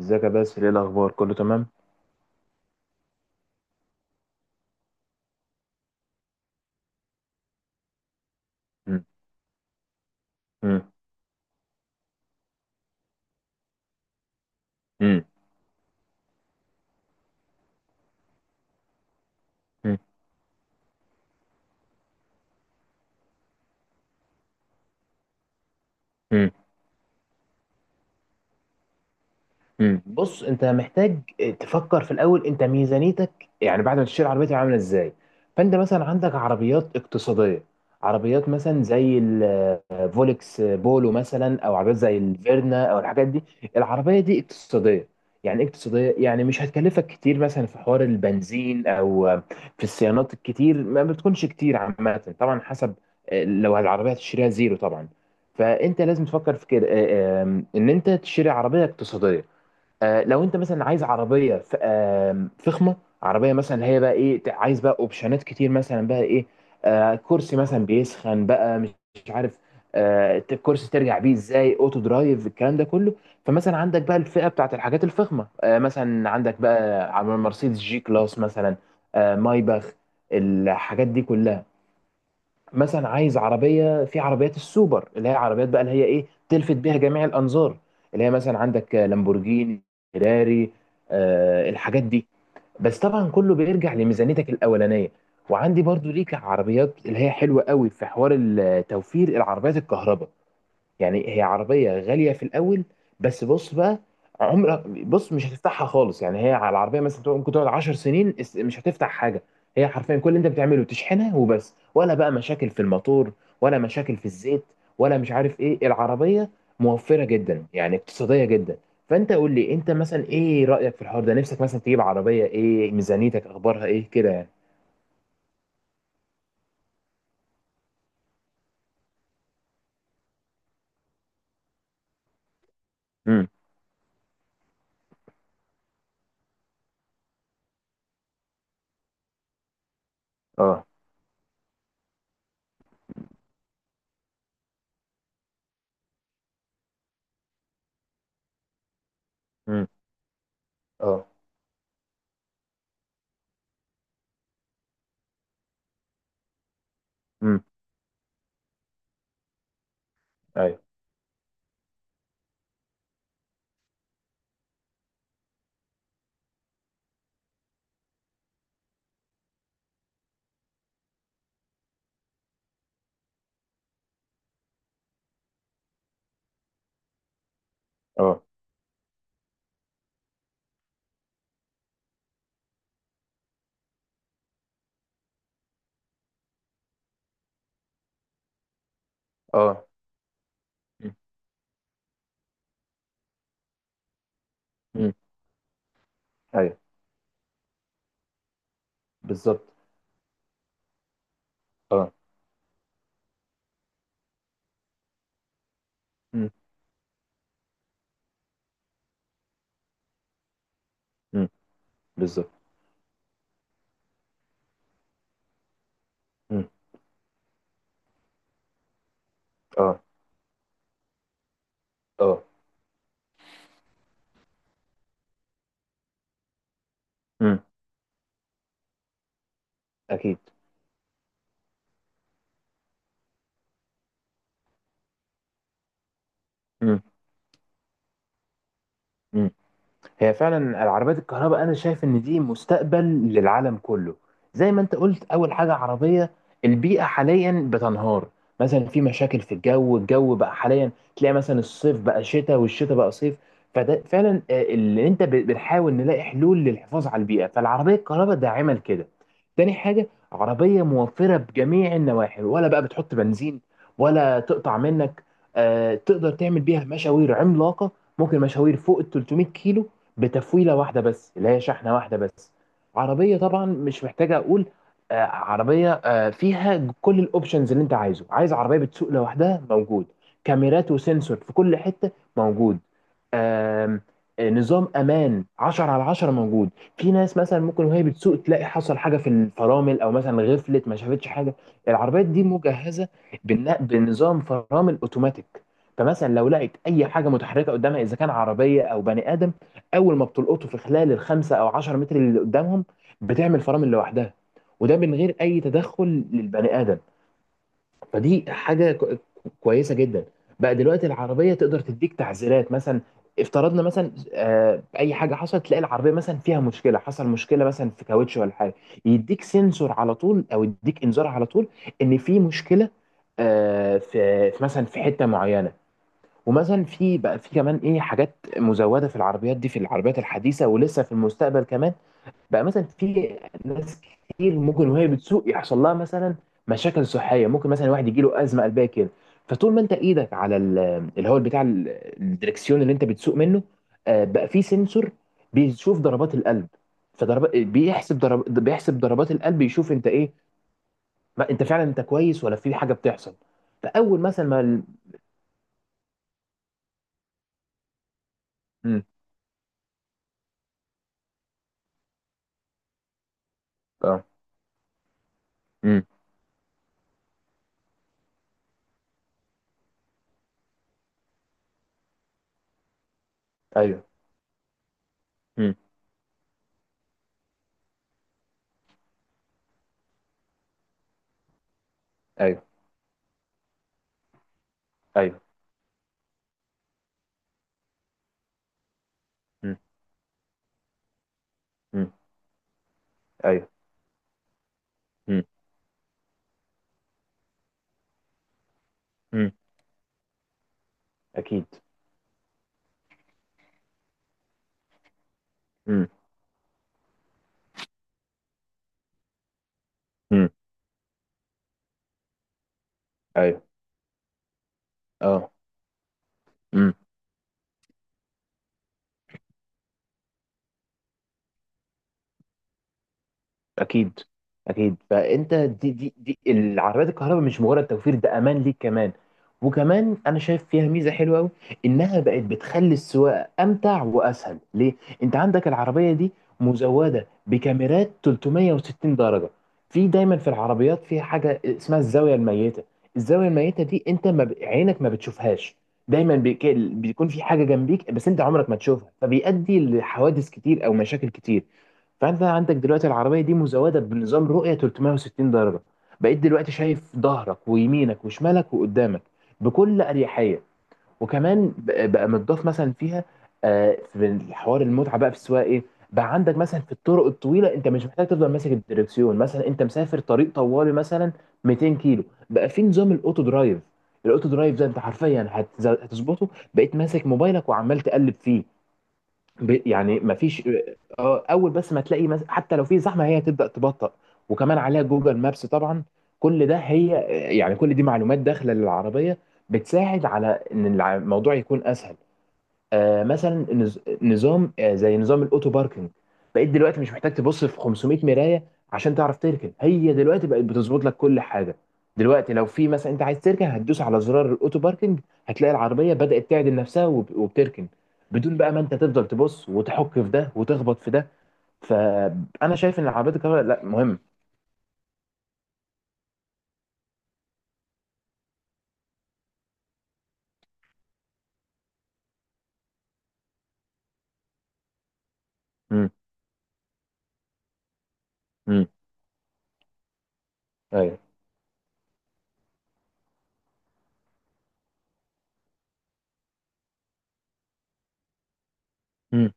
ازيك يا باسل، ايه الاخبار؟ كله تمام. مم. مم. مم. مم. مم. مم. بص، انت محتاج تفكر في الاول. انت ميزانيتك يعني بعد ما تشتري عربيتك عامله ازاي؟ فانت مثلا عندك عربيات اقتصاديه، عربيات مثلا زي ال فولكس بولو مثلا، او عربيات زي الفيرنا او الحاجات دي. العربيه دي اقتصاديه. يعني ايه اقتصاديه؟ يعني مش هتكلفك كتير مثلا في حوار البنزين او في الصيانات الكتير، ما بتكونش كتير عامه طبعا، حسب. لو العربيه هتشتريها زيرو طبعا، فانت لازم تفكر في كده. ان انت تشتري عربيه اقتصاديه. لو انت مثلا عايز عربيه ف- آم، فخمه، عربيه مثلا، هي بقى ايه؟ عايز بقى اوبشنات كتير، مثلا بقى ايه؟ كرسي مثلا بيسخن، بقى مش عارف، الكرسي ترجع بيه ازاي، اوتو درايف، الكلام ده كله. فمثلا عندك بقى الفئه بتاعت الحاجات الفخمه، مثلا عندك بقى مرسيدس جي كلاس مثلا، مايباخ، الحاجات دي كلها. مثلا عايز عربيه في عربيات السوبر، اللي هي عربيات بقى اللي هي ايه، تلفت بيها جميع الانظار، اللي هي مثلا عندك لامبورجيني، فيراري، آه الحاجات دي. بس طبعا كله بيرجع لميزانيتك الاولانيه. وعندي برضو ليك عربيات اللي هي حلوه قوي في حوار التوفير، العربيات الكهرباء. يعني هي عربية غالية في الأول، بس بص بقى، عمرك بص مش هتفتحها خالص. يعني هي، على العربية مثلا ممكن تقعد 10 سنين، مش هتفتح حاجة. هي حرفيا كل اللي أنت بتعمله تشحنها وبس، ولا بقى مشاكل في الموتور ولا مشاكل في الزيت ولا مش عارف إيه. العربية موفرة جدا، يعني اقتصادية جدا. فأنت قول لي أنت مثلا إيه رأيك في الحوار ده؟ نفسك مثلا تجيب عربية إيه؟ ميزانيتك أخبارها إيه كده يعني؟ امم. اه. امم. اه. امم. ايوه. اه. اه. امم. ايوه. بالظبط. اه. امم. امم. بالظبط. امم. اه. اه. امم. اكيد. امم. امم. هي فعلا العربيات الكهرباء، انا شايف ان دي مستقبل للعالم كله. زي ما انت قلت، اول حاجه عربيه، البيئه حاليا بتنهار. مثلا في مشاكل في الجو، الجو بقى حاليا تلاقي مثلا الصيف بقى شتاء والشتاء بقى صيف. فده فعلا اللي انت بنحاول نلاقي حلول للحفاظ على البيئه، فالعربيه الكهرباء ده عمل كده. تاني حاجه، عربيه موفره بجميع النواحي، ولا بقى بتحط بنزين ولا تقطع منك. تقدر تعمل بيها مشاوير عملاقه، ممكن مشاوير فوق ال 300 كيلو بتفويله واحده بس، اللي هي شحنه واحده بس. عربيه طبعا مش محتاجه اقول، عربيه فيها كل الاوبشنز اللي انت عايزه. عايز عربيه بتسوق لوحدها، موجود. كاميرات وسنسور في كل حته، موجود. آم، آه، نظام امان 10 على 10 موجود. في ناس مثلا ممكن وهي بتسوق تلاقي حصل حاجه في الفرامل، او مثلا غفلت ما شافتش حاجه. العربيات دي مجهزه بنظام فرامل اوتوماتيك. فمثلا لو لقيت اي حاجه متحركه قدامها، اذا كان عربيه او بني ادم، اول ما بتلقطه في خلال الخمسه او 10 متر اللي قدامهم، بتعمل فرامل لوحدها، وده من غير اي تدخل للبني ادم. فدي حاجه كويسه جدا. بقى دلوقتي العربيه تقدر تديك تعزيرات مثلا. افترضنا مثلا اي حاجه حصلت، تلاقي العربيه مثلا فيها مشكله، حصل مشكله مثلا في كاوتش ولا حاجه، يديك سنسور على طول او يديك انذار على طول ان في مشكله في مثلا في حته معينه. ومثلا في بقى، في كمان ايه حاجات مزوده في العربيات دي، في العربيات الحديثه، ولسه في المستقبل كمان. بقى مثلا في ناس كتير ممكن وهي بتسوق يحصل لها مثلا مشاكل صحيه، ممكن مثلا واحد يجي له ازمه قلبيه كده. فطول ما انت ايدك على ال- اللي هو بتاع ال- الدركسيون اللي انت بتسوق منه، بقى في سنسور بيشوف ضربات القلب. فضرب بيحسب ضرب بيحسب ضربات القلب، يشوف انت ايه، ما انت فعلا انت كويس ولا في حاجه بتحصل. فاول مثلا ما ال- مم. اه. مم. ايوه. ايوه. ايوه. امم. امم. ايوه. امم. امم. اكيد. امم. امم. ايوه. اه. امم. اكيد. اكيد، فانت، دي العربيات الكهرباء مش مجرد توفير، ده امان ليك كمان. وكمان انا شايف فيها ميزه حلوه قوي، انها بقت بتخلي السواقه امتع واسهل ليه. انت عندك العربيه دي مزوده بكاميرات 360 درجه. في، دايما في العربيات، في حاجه اسمها الزاويه الميته. الزاويه الميته دي انت ما عينك ما بتشوفهاش. دايما بيكون في حاجه جنبيك بس انت عمرك ما تشوفها، فبيؤدي لحوادث كتير او مشاكل كتير. فانت عندك دلوقتي العربيه دي مزوده بنظام رؤيه 360 درجه. بقيت دلوقتي شايف ظهرك ويمينك وشمالك وقدامك بكل اريحيه. وكمان بقى متضاف مثلا فيها، في حوار المتعه بقى في السواقه ايه، بقى عندك مثلا في الطرق الطويله انت مش محتاج تفضل ماسك الدركسيون، مثلا انت مسافر طريق طوالي مثلا 200 كيلو، بقى في نظام الاوتو درايف. الاوتو درايف ده انت حرفيا هتظبطه، بقيت ماسك موبايلك وعمال تقلب فيه. يعني ما فيش. اه. اول بس ما تلاقي حتى لو في زحمه هي تبدا تبطأ. وكمان عليها جوجل مابس طبعا، كل ده هي، يعني كل دي معلومات داخله للعربيه، بتساعد على ان الموضوع يكون اسهل. مثلا نظام، زي نظام الاوتو باركنج. بقيت دلوقتي مش محتاج تبص في 500 مرايه عشان تعرف تركن، هي دلوقتي بقت بتظبط لك كل حاجه. دلوقتي لو في مثلا انت عايز تركن، هتدوس على زرار الاوتو باركنج، هتلاقي العربيه بدات تعدل نفسها وبتركن بدون بقى ما انت تفضل تبص وتحك في ده وتخبط في ده. فانا شايف ان العربيات الكهرباء، لا، مهم. امم. امم. ايوه. امم.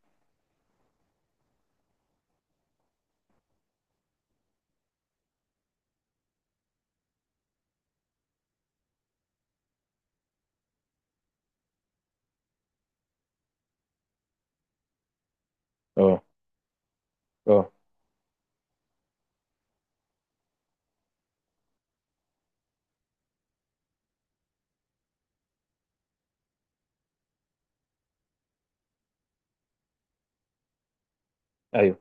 اه. اه. ايوه.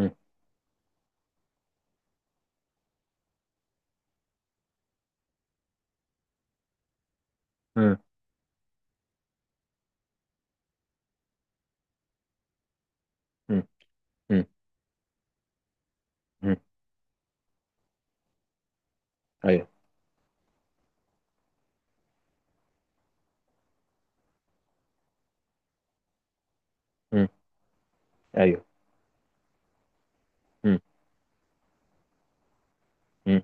امم. امم. امم. امم. ايوه. امم. ايوه. امم.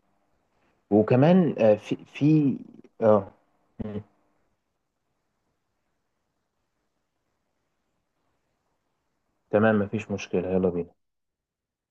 وكمان في في اه. مم. تمام، مفيش مشكلة، يلا بينا.